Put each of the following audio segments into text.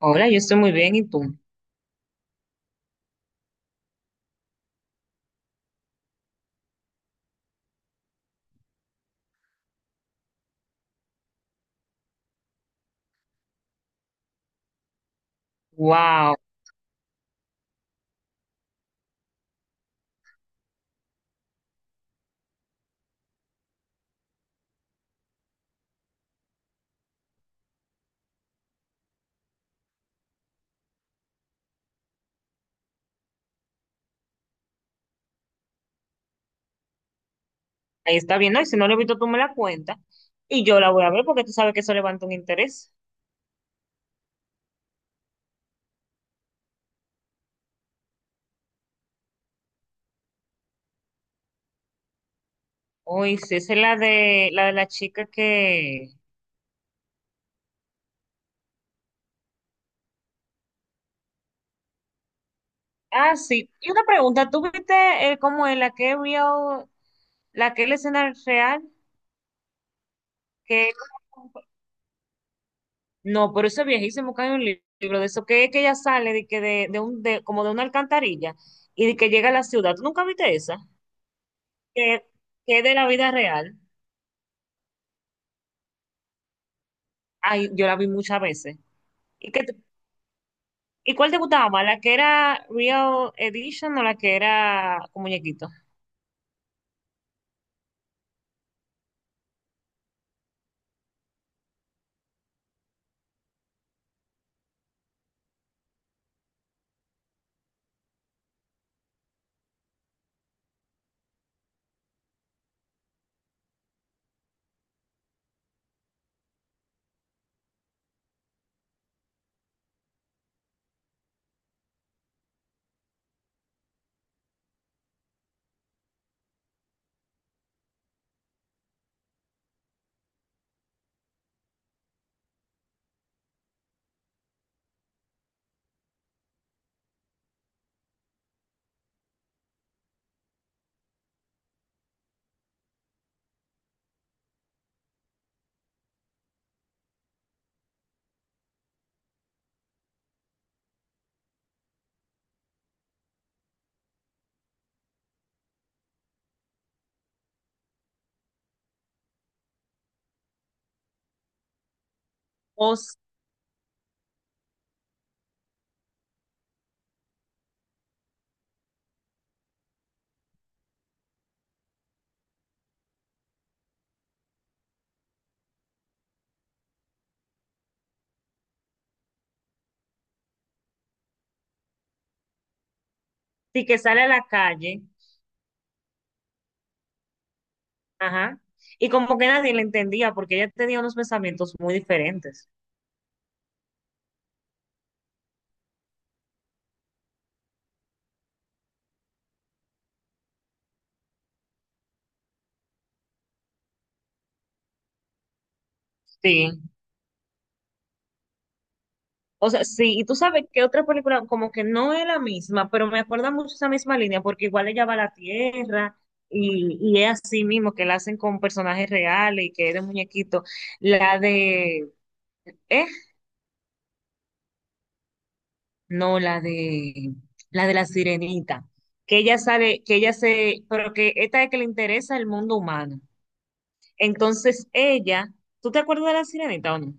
Hola, yo estoy muy bien, ¿y tú? Wow, ahí está bien, ¿no? Y si no lo he visto, tú me la cuentas y yo la voy a ver porque tú sabes que eso levanta un interés. Uy, sí, esa es la de la chica que. Ah, sí. Y una pregunta, ¿tú viste cómo es la que es real, la que es la escena real? Que no, pero eso es viejísimo, que hay un libro de eso, que es que ella sale de como de una alcantarilla y de que llega a la ciudad. ¿Tú nunca viste esa? Que, que es de la vida real. Ay, yo la vi muchas veces. ¿Y, y cuál te gustaba más? ¿La que era Real Edition o la que era con muñequito? O sí, que sale a la calle, ajá. Y como que nadie la entendía porque ella tenía unos pensamientos muy diferentes. Sí. O sea, sí, y tú sabes que otra película como que no es la misma, pero me acuerda mucho esa misma línea porque igual ella va a la tierra y es así mismo que la hacen con personajes reales y que es de muñequito. La de... ¿Eh? No, la de la sirenita, que ella sale, que ella se, pero que esta es que le interesa el mundo humano. Entonces ella, ¿tú te acuerdas de la sirenita o no?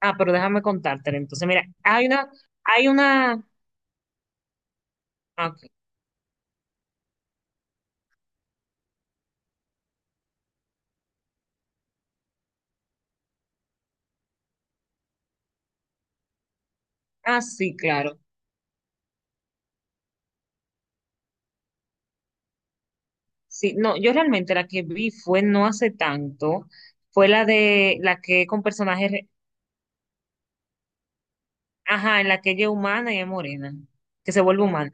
Ah, pero déjame contártela. Entonces, mira, hay una, hay una, ah, ok. Ah, sí, claro. Sí, no, yo realmente la que vi fue no hace tanto, fue la de la que con personajes, re- ajá, en la que ella es humana y es morena, que se vuelve humana.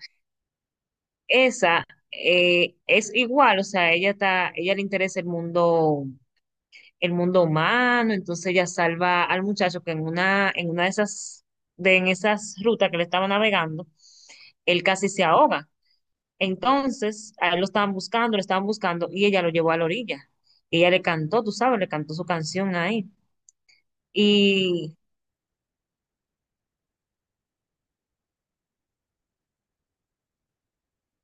Esa es igual, o sea, ella está, ella le interesa el mundo humano, entonces ella salva al muchacho que en una de esas, de en esas rutas que le estaba navegando, él casi se ahoga. Entonces, a él lo estaban buscando, y ella lo llevó a la orilla. Y ella le cantó, tú sabes, le cantó su canción ahí. Y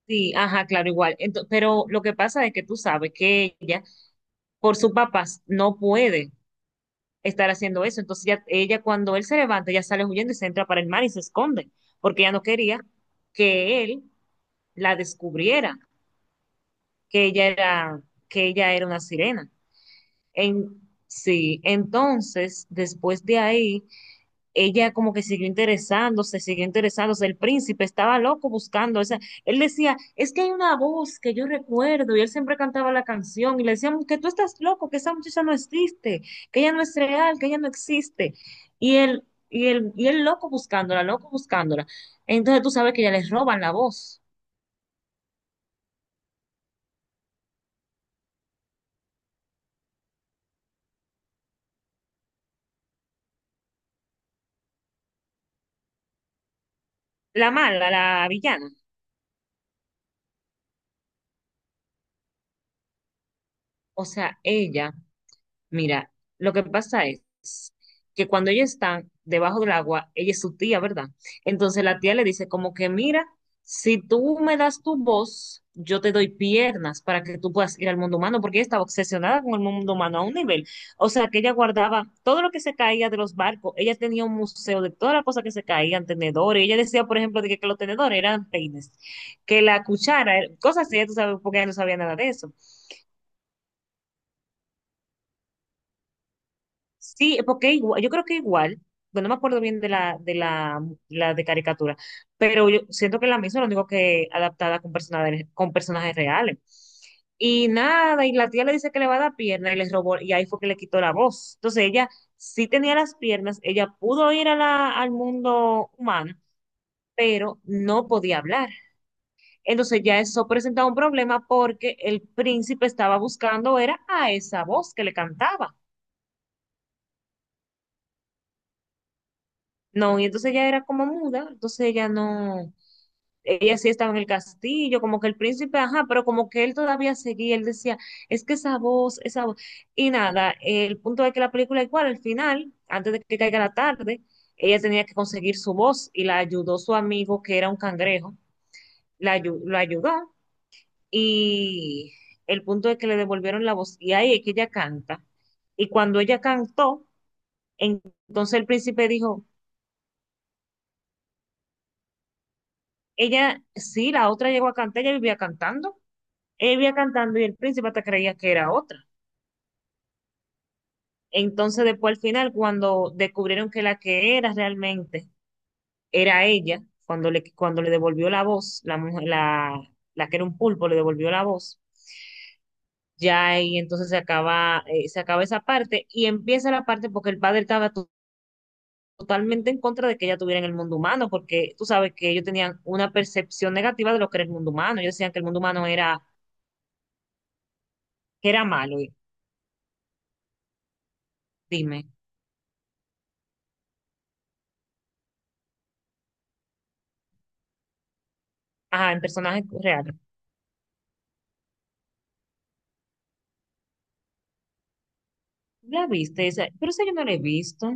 sí, ajá, claro, igual. Ento- pero lo que pasa es que tú sabes que ella, por sus papás, no puede estar haciendo eso. Entonces ya, ella cuando él se levanta, ya sale huyendo y se entra para el mar y se esconde, porque ella no quería que él la descubriera, que ella era, que ella era una sirena. En, sí, entonces después de ahí ella como que siguió interesándose, el príncipe estaba loco buscando, esa él decía, es que hay una voz que yo recuerdo, y él siempre cantaba la canción, y le decían que tú estás loco, que esa muchacha no existe, que ella no es real, que ella no existe, y él loco buscándola, entonces tú sabes que ya les roban la voz, la mala, la villana, o sea, ella mira, lo que pasa es que cuando ella está debajo del agua, ella es su tía, ¿verdad? Entonces la tía le dice como que, mira, si tú me das tu voz, yo te doy piernas para que tú puedas ir al mundo humano, porque ella estaba obsesionada con el mundo humano a un nivel. O sea, que ella guardaba todo lo que se caía de los barcos, ella tenía un museo de todas las cosas que se caían, tenedores, ella decía, por ejemplo, que los tenedores eran peines, que la cuchara, cosas así, ya tú sabes, porque ella no sabía nada de eso. Sí, porque igua- yo creo que igual, bueno, no me acuerdo bien de la de caricatura, pero yo siento que la misma, lo único que adaptada con personajes reales. Y nada, y la tía le dice que le va a dar pierna y les robó, y ahí fue que le quitó la voz. Entonces ella sí tenía las piernas, ella pudo ir a la, al mundo humano, pero no podía hablar. Entonces ya eso presentaba un problema porque el príncipe estaba buscando, era a esa voz que le cantaba. No, y entonces ella era como muda, entonces ella no, ella sí estaba en el castillo, como que el príncipe, ajá, pero como que él todavía seguía, él decía, es que esa voz, y nada, el punto es que la película igual, al final, antes de que caiga la tarde, ella tenía que conseguir su voz y la ayudó su amigo que era un cangrejo, la, ayu- lo ayudó y el punto es que le devolvieron la voz y ahí es que ella canta. Y cuando ella cantó, entonces el príncipe dijo, ella, sí, la otra llegó a cantar, ella vivía cantando. Ella vivía cantando y el príncipe hasta creía que era otra. Entonces, después al final, cuando descubrieron que la que era realmente era ella, cuando le devolvió la voz, la, mujer- la que era un pulpo le devolvió la voz, ya ahí entonces se acaba esa parte y empieza la parte porque el padre estaba totalmente en contra de que ella estuviera en el mundo humano, porque tú sabes que ellos tenían una percepción negativa de lo que era el mundo humano. Ellos decían que el mundo humano era, que era malo. Dime. Ah, en personaje real. ¿La viste? Esa- pero esa yo no la he visto.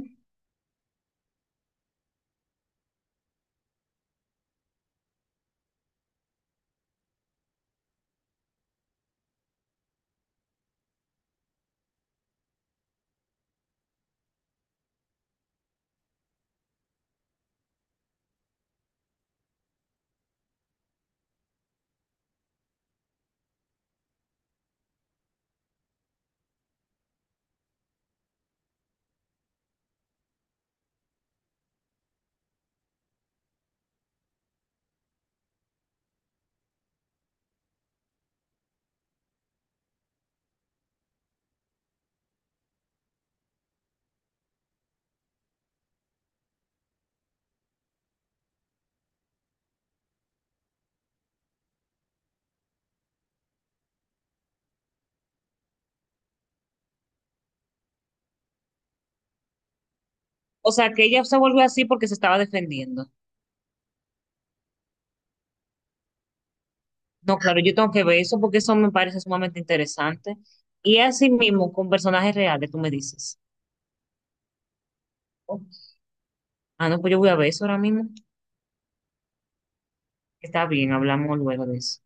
O sea, que ella se volvió así porque se estaba defendiendo. No, claro, yo tengo que ver eso porque eso me parece sumamente interesante. Y así mismo, con personajes reales, tú me dices. Ok. Ah, no, pues yo voy a ver eso ahora mismo. Está bien, hablamos luego de eso.